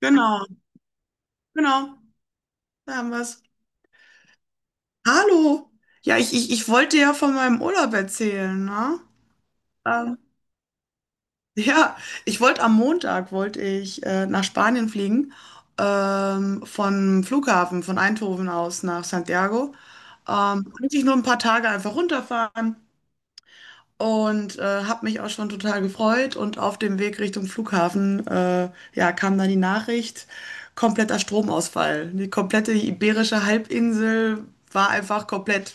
Genau, genau, da haben wir's. Hallo! Ja, ich wollte ja von meinem Urlaub erzählen, ne? Ähm, ja, ich wollte am Montag, wollte ich nach Spanien fliegen, vom Flughafen, von Eindhoven aus nach Santiago. Eigentlich nur ein paar Tage einfach runterfahren. Und habe mich auch schon total gefreut. Und auf dem Weg Richtung Flughafen ja, kam dann die Nachricht, kompletter Stromausfall. Die komplette Iberische Halbinsel war einfach komplett,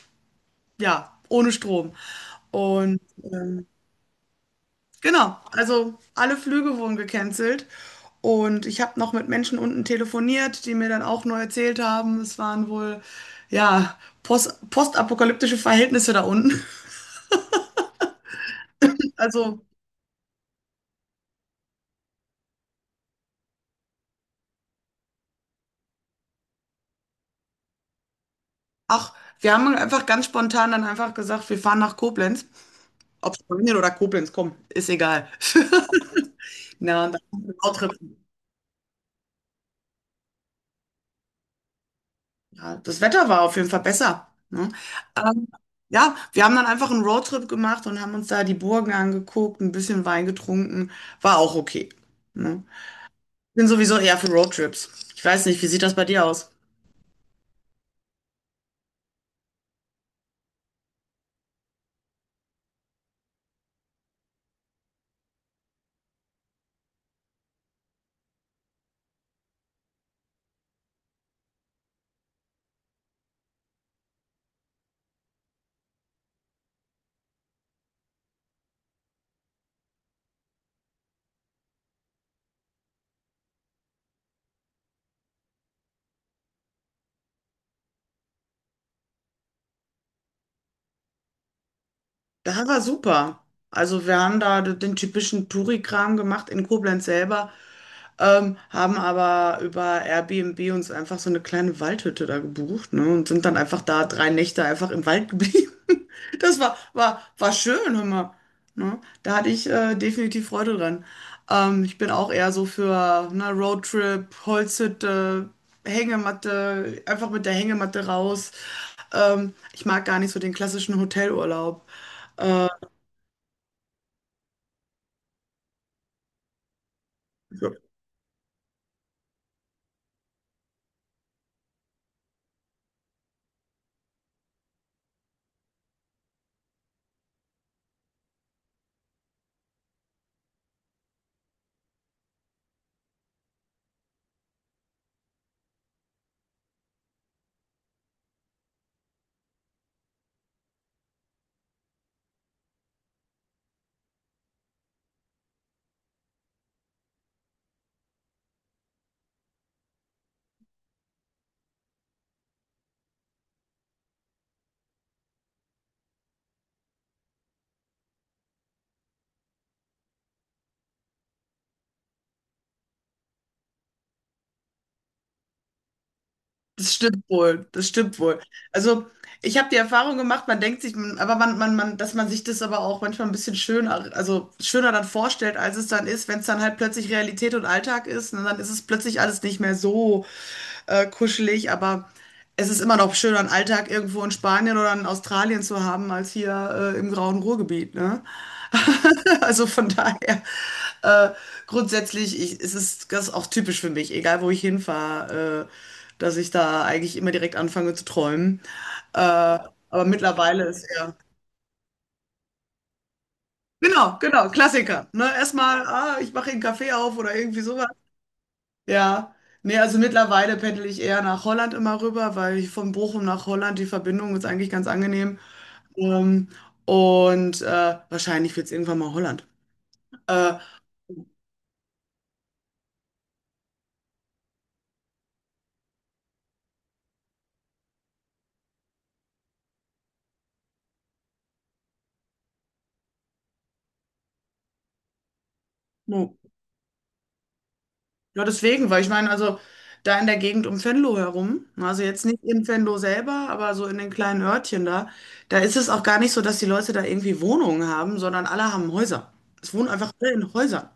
ja, ohne Strom. Und genau, also alle Flüge wurden gecancelt. Und ich habe noch mit Menschen unten telefoniert, die mir dann auch nur erzählt haben, es waren wohl, ja, postapokalyptische Verhältnisse da unten. Also Ach, wir haben einfach ganz spontan dann einfach gesagt, wir fahren nach Koblenz. Ob Spanien oder Koblenz, komm, ist egal. Na, und dann haben wir einen Roadtrip. Ja, das Wetter war auf jeden Fall besser. Ne? Ähm, ja, wir haben dann einfach einen Roadtrip gemacht und haben uns da die Burgen angeguckt, ein bisschen Wein getrunken. War auch okay. Ne? Bin sowieso eher für Roadtrips. Ich weiß nicht, wie sieht das bei dir aus? Das war super. Also wir haben da den typischen Touri-Kram gemacht in Koblenz selber, haben aber über Airbnb uns einfach so eine kleine Waldhütte da gebucht, ne, und sind dann einfach da 3 Nächte einfach im Wald geblieben. Das war schön, hör mal. Ne? Da hatte ich definitiv Freude dran. Ich bin auch eher so für ne, Roadtrip, Holzhütte, Hängematte, einfach mit der Hängematte raus. Ich mag gar nicht so den klassischen Hotelurlaub. Äh, Ja. Das stimmt wohl, das stimmt wohl. Also, ich habe die Erfahrung gemacht, man denkt sich, aber man, dass man sich das aber auch manchmal ein bisschen schöner, also schöner dann vorstellt, als es dann ist, wenn es dann halt plötzlich Realität und Alltag ist, ne, dann ist es plötzlich alles nicht mehr so kuschelig, aber es ist immer noch schöner, einen Alltag irgendwo in Spanien oder in Australien zu haben, als hier im grauen Ruhrgebiet, ne? Also von daher, äh, grundsätzlich ich, es ist das ist auch typisch für mich, egal wo ich hinfahre, dass ich da eigentlich immer direkt anfange zu träumen. Aber mittlerweile ist ja. Genau, genau, Klassiker. Ne? Erstmal, ah, ich mache einen Kaffee auf oder irgendwie sowas. Ja. Nee, also mittlerweile pendel ich eher nach Holland immer rüber, weil ich von Bochum nach Holland, die Verbindung ist eigentlich ganz angenehm. Ähm, und wahrscheinlich wird es irgendwann mal Holland. Äh, so. Ja, deswegen, weil ich meine, also da in der Gegend um Venlo herum, also jetzt nicht in Venlo selber, aber so in den kleinen Örtchen da, da ist es auch gar nicht so, dass die Leute da irgendwie Wohnungen haben, sondern alle haben Häuser. Es wohnen einfach alle in Häusern.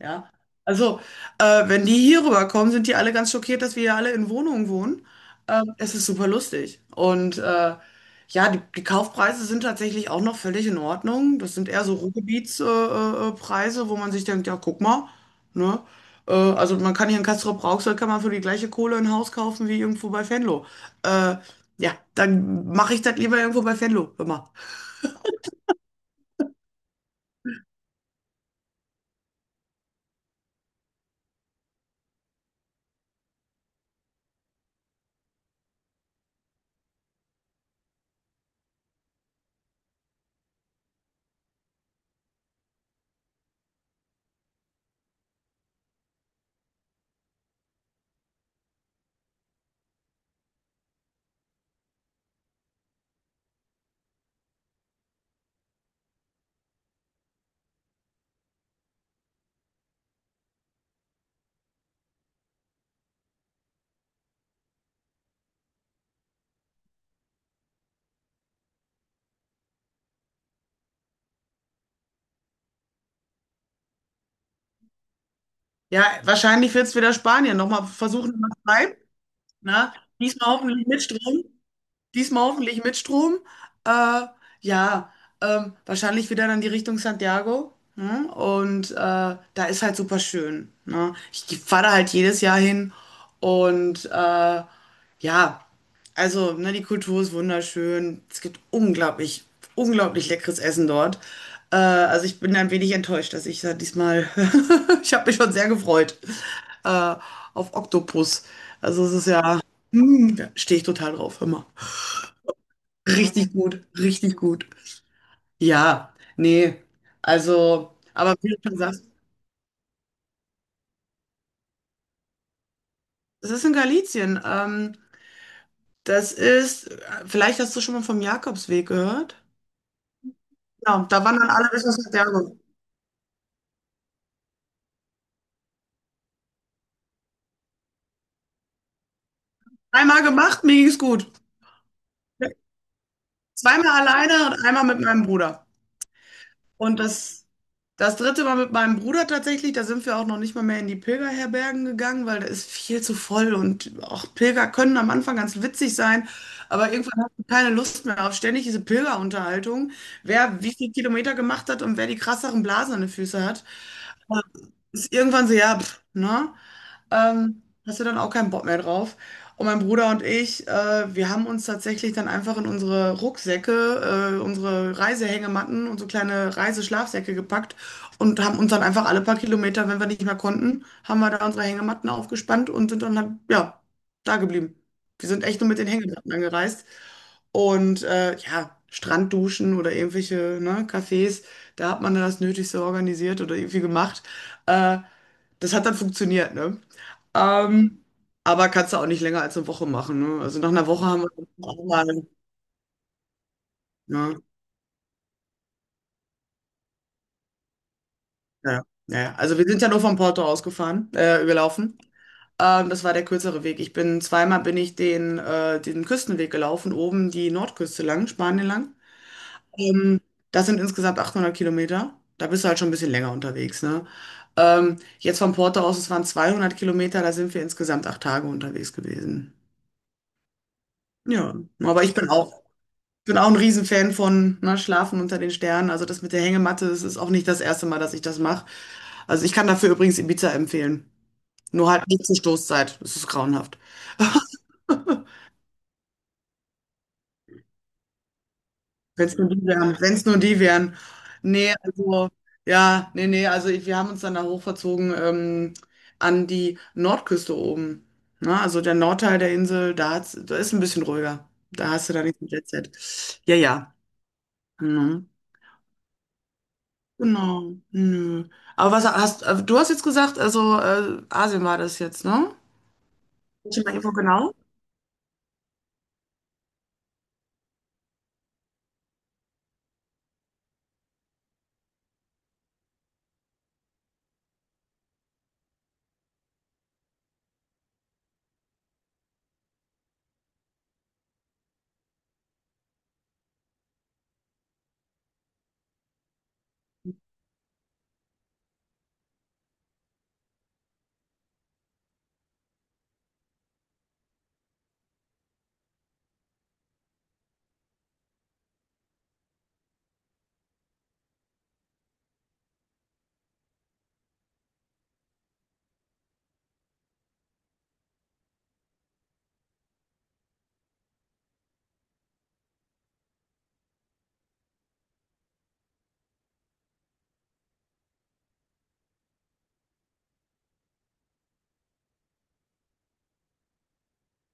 Ja. Also, wenn die hier rüberkommen, sind die alle ganz schockiert, dass wir hier alle in Wohnungen wohnen. Es ist super lustig. Und ja, die Kaufpreise sind tatsächlich auch noch völlig in Ordnung. Das sind eher so Ruhrgebietspreise, Preise, wo man sich denkt, ja, guck mal, ne? Also man kann hier in Castrop-Rauxel kann man für die gleiche Kohle ein Haus kaufen wie irgendwo bei Venlo. Äh, ja, dann mache ich das lieber irgendwo bei Venlo, hör mal. Ja, wahrscheinlich wird es wieder Spanien. Nochmal versuchen, was bleibt. Ne? Diesmal hoffentlich mit Strom. Diesmal hoffentlich mit Strom. Äh, ja, wahrscheinlich wieder dann die Richtung Santiago. Ne? Und da ist halt super schön. Ne? Ich fahre da halt jedes Jahr hin. Und ja, also ne, die Kultur ist wunderschön. Es gibt unglaublich, unglaublich leckeres Essen dort. Also ich bin ein wenig enttäuscht, dass ich da diesmal, ich habe mich schon sehr gefreut äh, auf Oktopus. Also es ist ja, stehe ich total drauf, immer. Richtig gut, richtig gut. Ja, nee, also, aber wie du schon sagst, es ist in Galizien. Das ist, vielleicht hast du schon mal vom Jakobsweg gehört. Ja, da wandern alle bis nach Santiago. Einmal gemacht, mir ging's gut. Zweimal alleine und einmal mit meinem Bruder. Und das dritte Mal mit meinem Bruder tatsächlich, da sind wir auch noch nicht mal mehr in die Pilgerherbergen gegangen, weil da ist viel zu voll und auch Pilger können am Anfang ganz witzig sein, aber irgendwann hast du keine Lust mehr auf ständig diese Pilgerunterhaltung, wer wie viele Kilometer gemacht hat und wer die krasseren Blasen an den Füßen hat. Also ist irgendwann so, ja, pff, ne? Hast du dann auch keinen Bock mehr drauf. Und mein Bruder und ich, wir haben uns tatsächlich dann einfach in unsere Rucksäcke, unsere Reisehängematten und so kleine Reiseschlafsäcke gepackt und haben uns dann einfach alle paar Kilometer, wenn wir nicht mehr konnten, haben wir da unsere Hängematten aufgespannt und sind dann halt, ja, da geblieben. Wir sind echt nur mit den Hängematten angereist. Und ja, Strandduschen oder irgendwelche, ne, Cafés, da hat man dann das Nötigste organisiert oder irgendwie gemacht. Äh, Das hat dann funktioniert, ne? Ähm, aber kannst du auch nicht länger als eine Woche machen, ne? Also, nach einer Woche haben wir uns auch mal ne? Ja, ja. Ja, ja. Also, wir sind ja nur von Porto ausgefahren gelaufen. Das war der kürzere Weg. Ich bin zweimal bin ich den Küstenweg gelaufen, oben die Nordküste lang, Spanien lang. Ähm, Das sind insgesamt 800 Kilometer. Da bist du halt schon ein bisschen länger unterwegs, ne? Jetzt von Porto aus, es waren 200 Kilometer, da sind wir insgesamt 8 Tage unterwegs gewesen. Ja, aber Ich bin auch ein Riesenfan von ne, Schlafen unter den Sternen. Also das mit der Hängematte, das ist auch nicht das erste Mal, dass ich das mache. Also ich kann dafür übrigens Ibiza empfehlen. Nur halt nicht zur Stoßzeit. Das ist grauenhaft. Wenn es nur die wären. Wenn es nur die wären. Nee, also, ja, nee, nee, also ich, wir haben uns dann da hochverzogen an die Nordküste oben. Na, also der Nordteil der Insel, da, hat's, da ist ein bisschen ruhiger. Da hast du da nichts mit Jet Set. Ja, ja. Mhm. Genau, nö. Aber was hast du hast jetzt gesagt, also Asien war das jetzt, ne? Ich meine, wo genau?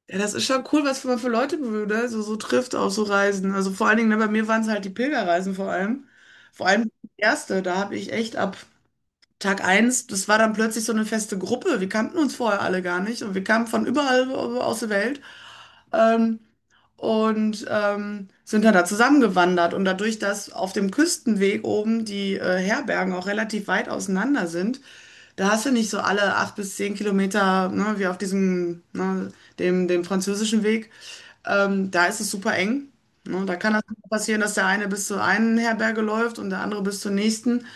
Ja, das ist schon cool, was man für Leute ne? so trifft auf so Reisen. Also vor allen Dingen, ne, bei mir waren es halt die Pilgerreisen vor allem. Vor allem die erste, da habe ich echt ab Tag eins, das war dann plötzlich so eine feste Gruppe. Wir kannten uns vorher alle gar nicht und wir kamen von überall aus der Welt. Ähm, und sind dann da zusammengewandert. Und dadurch, dass auf dem Küstenweg oben die Herbergen auch relativ weit auseinander sind, da hast du nicht so alle 8 bis 10 Kilometer, ne, wie auf diesem, ne, dem französischen Weg. Da ist es super eng. Ne, da kann das passieren, dass der eine bis zur einen Herberge läuft und der andere bis zur nächsten.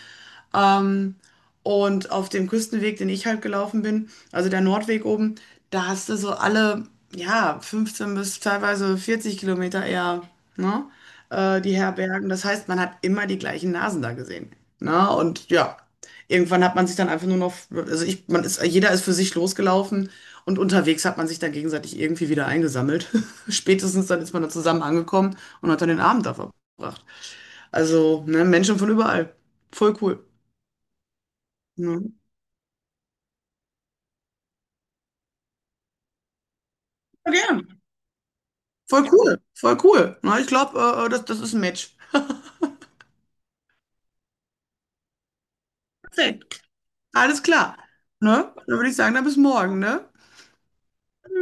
Ähm, und auf dem Küstenweg, den ich halt gelaufen bin, also der Nordweg oben, da hast du so alle, ja, 15 bis teilweise 40 Kilometer eher, ne, die Herbergen. Das heißt, man hat immer die gleichen Nasen da gesehen. Ne? Und ja, irgendwann hat man sich dann einfach nur noch, also ich, man ist, jeder ist für sich losgelaufen und unterwegs hat man sich dann gegenseitig irgendwie wieder eingesammelt. Spätestens dann ist man dann zusammen angekommen und hat dann den Abend da verbracht. Also, ne, Menschen von überall. Voll cool. Ne? Voll gern. Voll cool. Voll cool. Na, ich glaube, das ist ein Match. Perfekt. Alles klar. Ne? Dann würde ich sagen, dann bis morgen, ne?